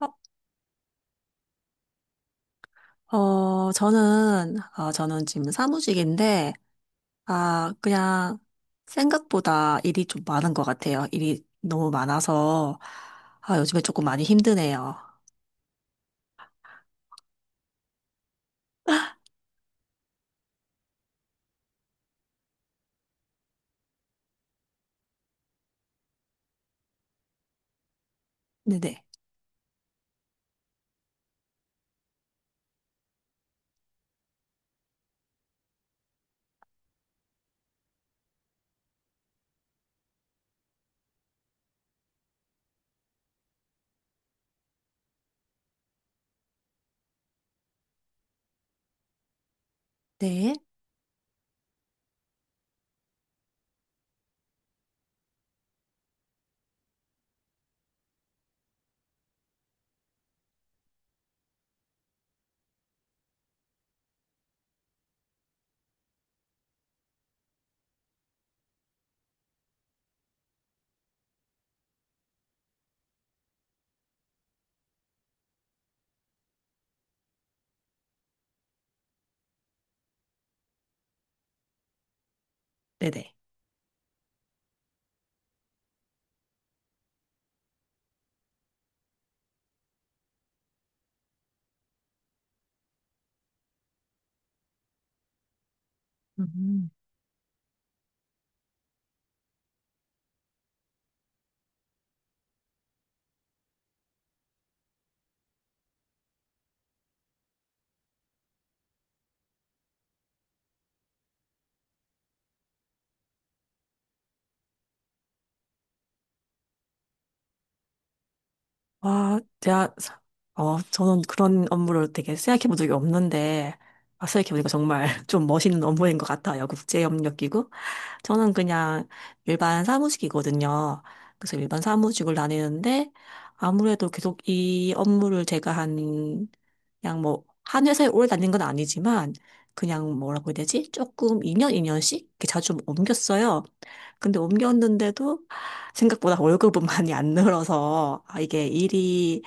어, 저는 지금 사무직인데, 그냥 생각보다 일이 좀 많은 것 같아요. 일이 너무 많아서, 요즘에 조금 많이 힘드네요. 네네. 네. 네네. 음. 와, 저는 그런 업무를 되게 생각해 본 적이 없는데, 아, 생각해 보니까 정말 좀 멋있는 업무인 것 같아요. 국제협력기구? 저는 그냥 일반 사무직이거든요. 그래서 일반 사무직을 다니는데 아무래도 계속 이 업무를 제가 한 그냥 뭐 한 회사에 오래 다닌 건 아니지만 그냥 뭐라고 해야 되지? 조금 2년, 2년씩 이렇게 자주 옮겼어요. 근데 옮겼는데도 생각보다 월급은 많이 안 늘어서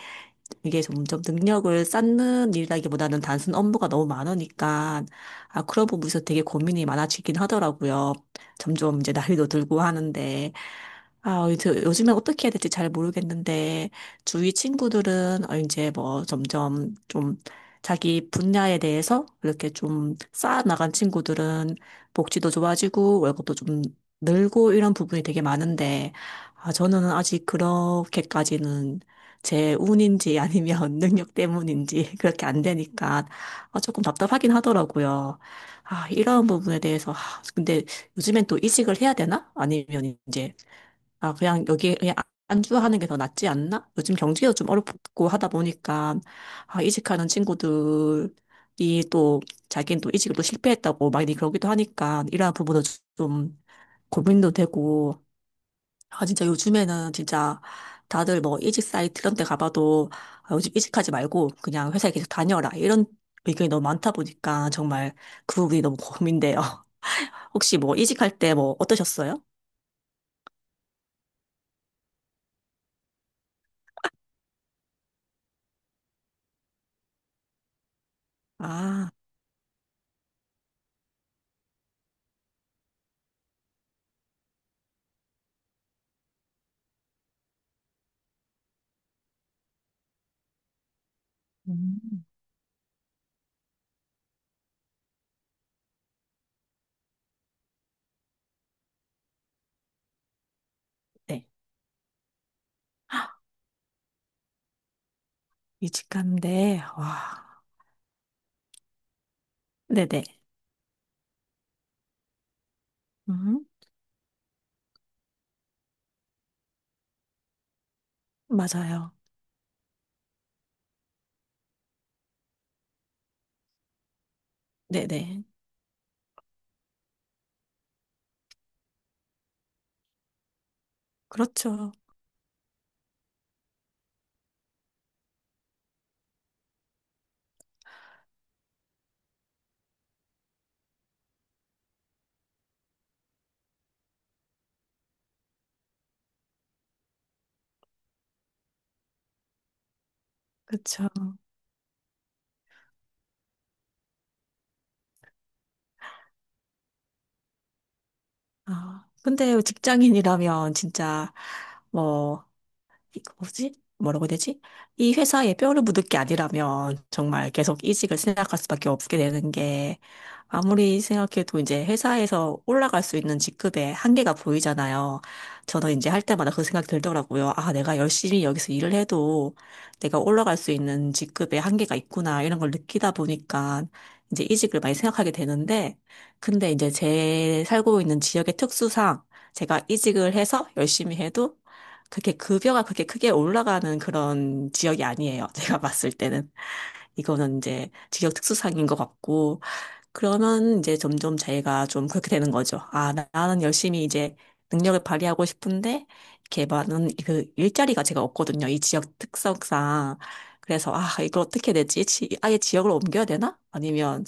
이게 점점 능력을 쌓는 일이라기보다는 단순 업무가 너무 많으니까 그런 부분에서 되게 고민이 많아지긴 하더라고요. 점점 이제 나이도 들고 하는데 이제 요즘에 어떻게 해야 될지 잘 모르겠는데, 주위 친구들은 이제 뭐 점점 좀 자기 분야에 대해서 이렇게 좀 쌓아나간 친구들은 복지도 좋아지고 월급도 좀 늘고 이런 부분이 되게 많은데, 저는 아직 그렇게까지는 제 운인지 아니면 능력 때문인지 그렇게 안 되니까 조금 답답하긴 하더라고요. 이런 부분에 대해서, 근데 요즘엔 또 이직을 해야 되나? 아니면 이제 아, 그냥 여기 그냥 아, 안주하는 게 더 낫지 않나? 요즘 경기도 좀 어렵고 하다 보니까, 이직하는 친구들이 또, 자기는 또 이직을 또 실패했다고 많이 그러기도 하니까, 이러한 부분도 좀 고민도 되고, 진짜 요즘에는 진짜 다들 뭐 이직 사이트 이런 데 가봐도, 요즘 이직하지 말고 그냥 회사에 계속 다녀라. 이런 의견이 너무 많다 보니까 정말 그 부분이 너무 고민돼요. 혹시 뭐 이직할 때 뭐 어떠셨어요? 아, 음. 네. 이직한데, 와. 네네. 음, 맞아요. 네네. 그렇죠. 그렇죠. 근데 직장인이라면 진짜, 뭐, 이거 뭐지? 뭐라고 해야 되지? 이 회사에 뼈를 묻을 게 아니라면 정말 계속 이직을 생각할 수밖에 없게 되는 게 아무리 생각해도 이제 회사에서 올라갈 수 있는 직급의 한계가 보이잖아요. 저는 이제 할 때마다 그 생각이 들더라고요. 아, 내가 열심히 여기서 일을 해도 내가 올라갈 수 있는 직급의 한계가 있구나 이런 걸 느끼다 보니까 이제 이직을 많이 생각하게 되는데 근데 이제 제 살고 있는 지역의 특수상 제가 이직을 해서 열심히 해도 그렇게 급여가 그렇게 크게 올라가는 그런 지역이 아니에요. 제가 봤을 때는. 이거는 이제 지역 특수상인 것 같고, 그러면 이제 점점 자기가 좀 그렇게 되는 거죠. 나는 열심히 이제 능력을 발휘하고 싶은데, 이렇게 많은 그 일자리가 제가 없거든요. 이 지역 특성상. 그래서, 이걸 어떻게 되지? 아예 지역을 옮겨야 되나? 아니면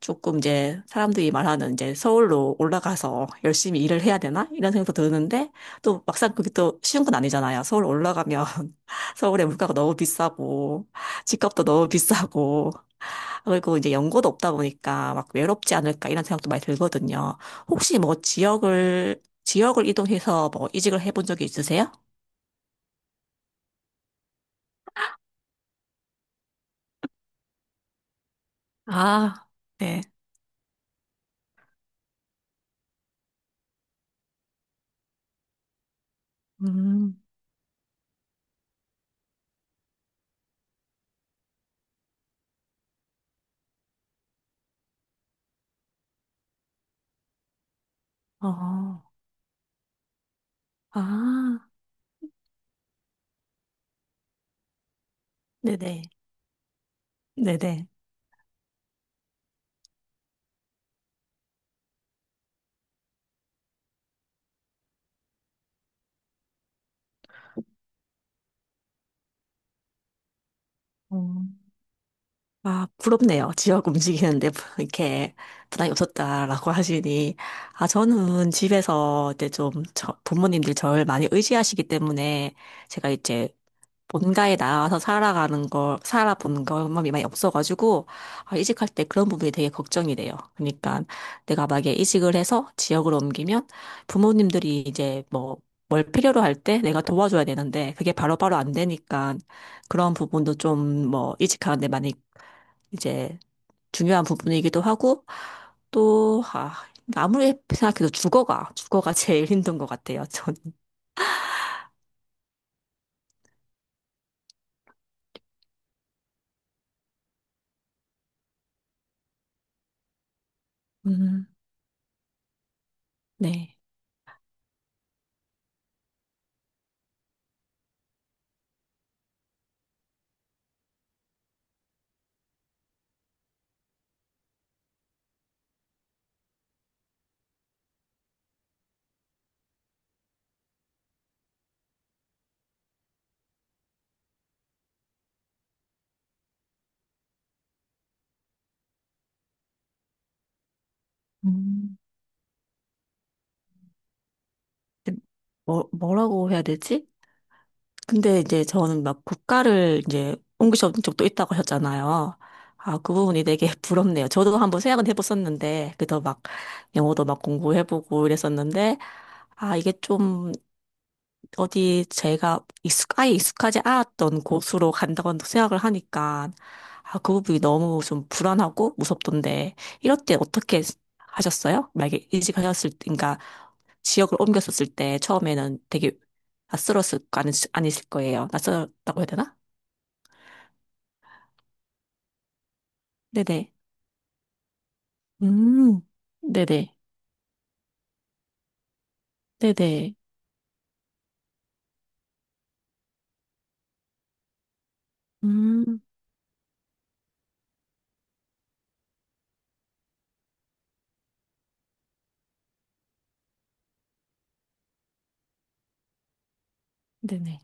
조금 이제 사람들이 말하는 이제 서울로 올라가서 열심히 일을 해야 되나? 이런 생각도 드는데, 또 막상 그게 또 쉬운 건 아니잖아요. 서울 올라가면 서울의 물가가 너무 비싸고, 집값도 너무 비싸고, 그리고 이제 연고도 없다 보니까 막 외롭지 않을까 이런 생각도 많이 들거든요. 혹시 뭐 지역을 이동해서 뭐 이직을 해본 적이 있으세요? 아, 네. 음, 어, 아, 네네. 네네. 어, 아, 부럽네요. 지역 움직이는데 이렇게 부담이 없었다라고 하시니. 저는 집에서 이제 부모님들 저를 많이 의지하시기 때문에 제가 이제 뭔가에 나와서 살아가는 걸, 살아본 경험이 많이 없어가지고, 이직할 때 그런 부분이 되게 걱정이 돼요. 그러니까 내가 만약에 이직을 해서 지역으로 옮기면 부모님들이 이제 뭐, 뭘 필요로 할 때 내가 도와줘야 되는데, 그게 바로바로 안 되니까, 그런 부분도 좀 뭐, 이직하는데 많이 이제 중요한 부분이기도 하고, 또, 아무리 생각해도 주거가 제일 힘든 것 같아요, 저는. 음, 네. 근데 뭐라고 해야 되지? 근데 이제 저는 막 국가를 이제 옮기신 적도 있다고 하셨잖아요. 그 부분이 되게 부럽네요. 저도 한번 생각은 해봤었는데, 그래도 막 영어도 막 공부해보고 이랬었는데, 이게 좀 어디 아예 익숙하지 않았던 곳으로 간다고 생각을 하니까, 그 부분이 너무 좀 불안하고 무섭던데, 이럴 때 어떻게 하셨어요? 만약에 이직하셨을 때, 그러니까 지역을 옮겼었을 때 처음에는 되게 낯설었을 거 아니, 아니실 거예요. 낯설었다고 해야 되나? 네네. 음, 네네. 네네. 음, 네네.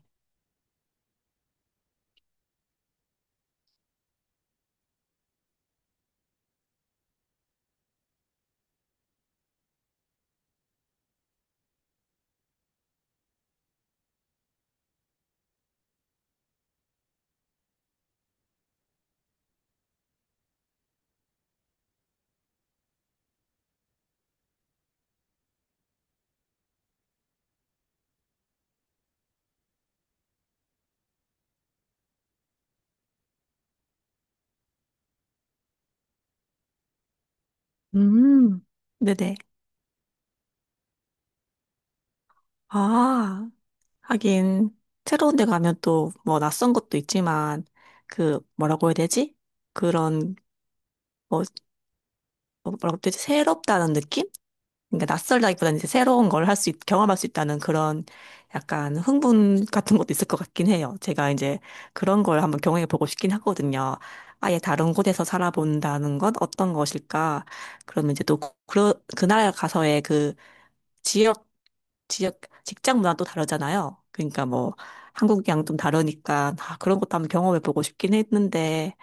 음, 네네. 아, 하긴 새로운 데 가면 또 뭐 낯선 것도 있지만 그 뭐라고 해야 되지? 그런 뭐 뭐라고 해야 되지? 새롭다는 느낌? 그러니까 낯설다기보다는 이제 새로운 걸 경험할 수 있다는 그런 약간 흥분 같은 것도 있을 것 같긴 해요. 제가 이제 그런 걸 한번 경험해 보고 싶긴 하거든요. 아예 다른 곳에서 살아본다는 건 어떤 것일까? 그러면 이제 또 그 나라 가서의 그 지역, 지역, 직장 문화도 다르잖아요. 그러니까 뭐, 한국이랑 좀 다르니까, 아, 그런 것도 한번 경험해보고 싶긴 했는데,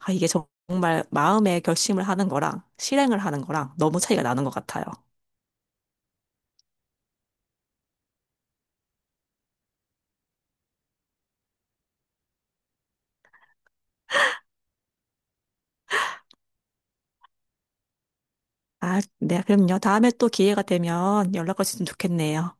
이게 정말 마음의 결심을 하는 거랑 실행을 하는 거랑 너무 차이가 나는 것 같아요. 아, 네, 그럼요. 다음에 또 기회가 되면 연락 주시면 좋겠네요.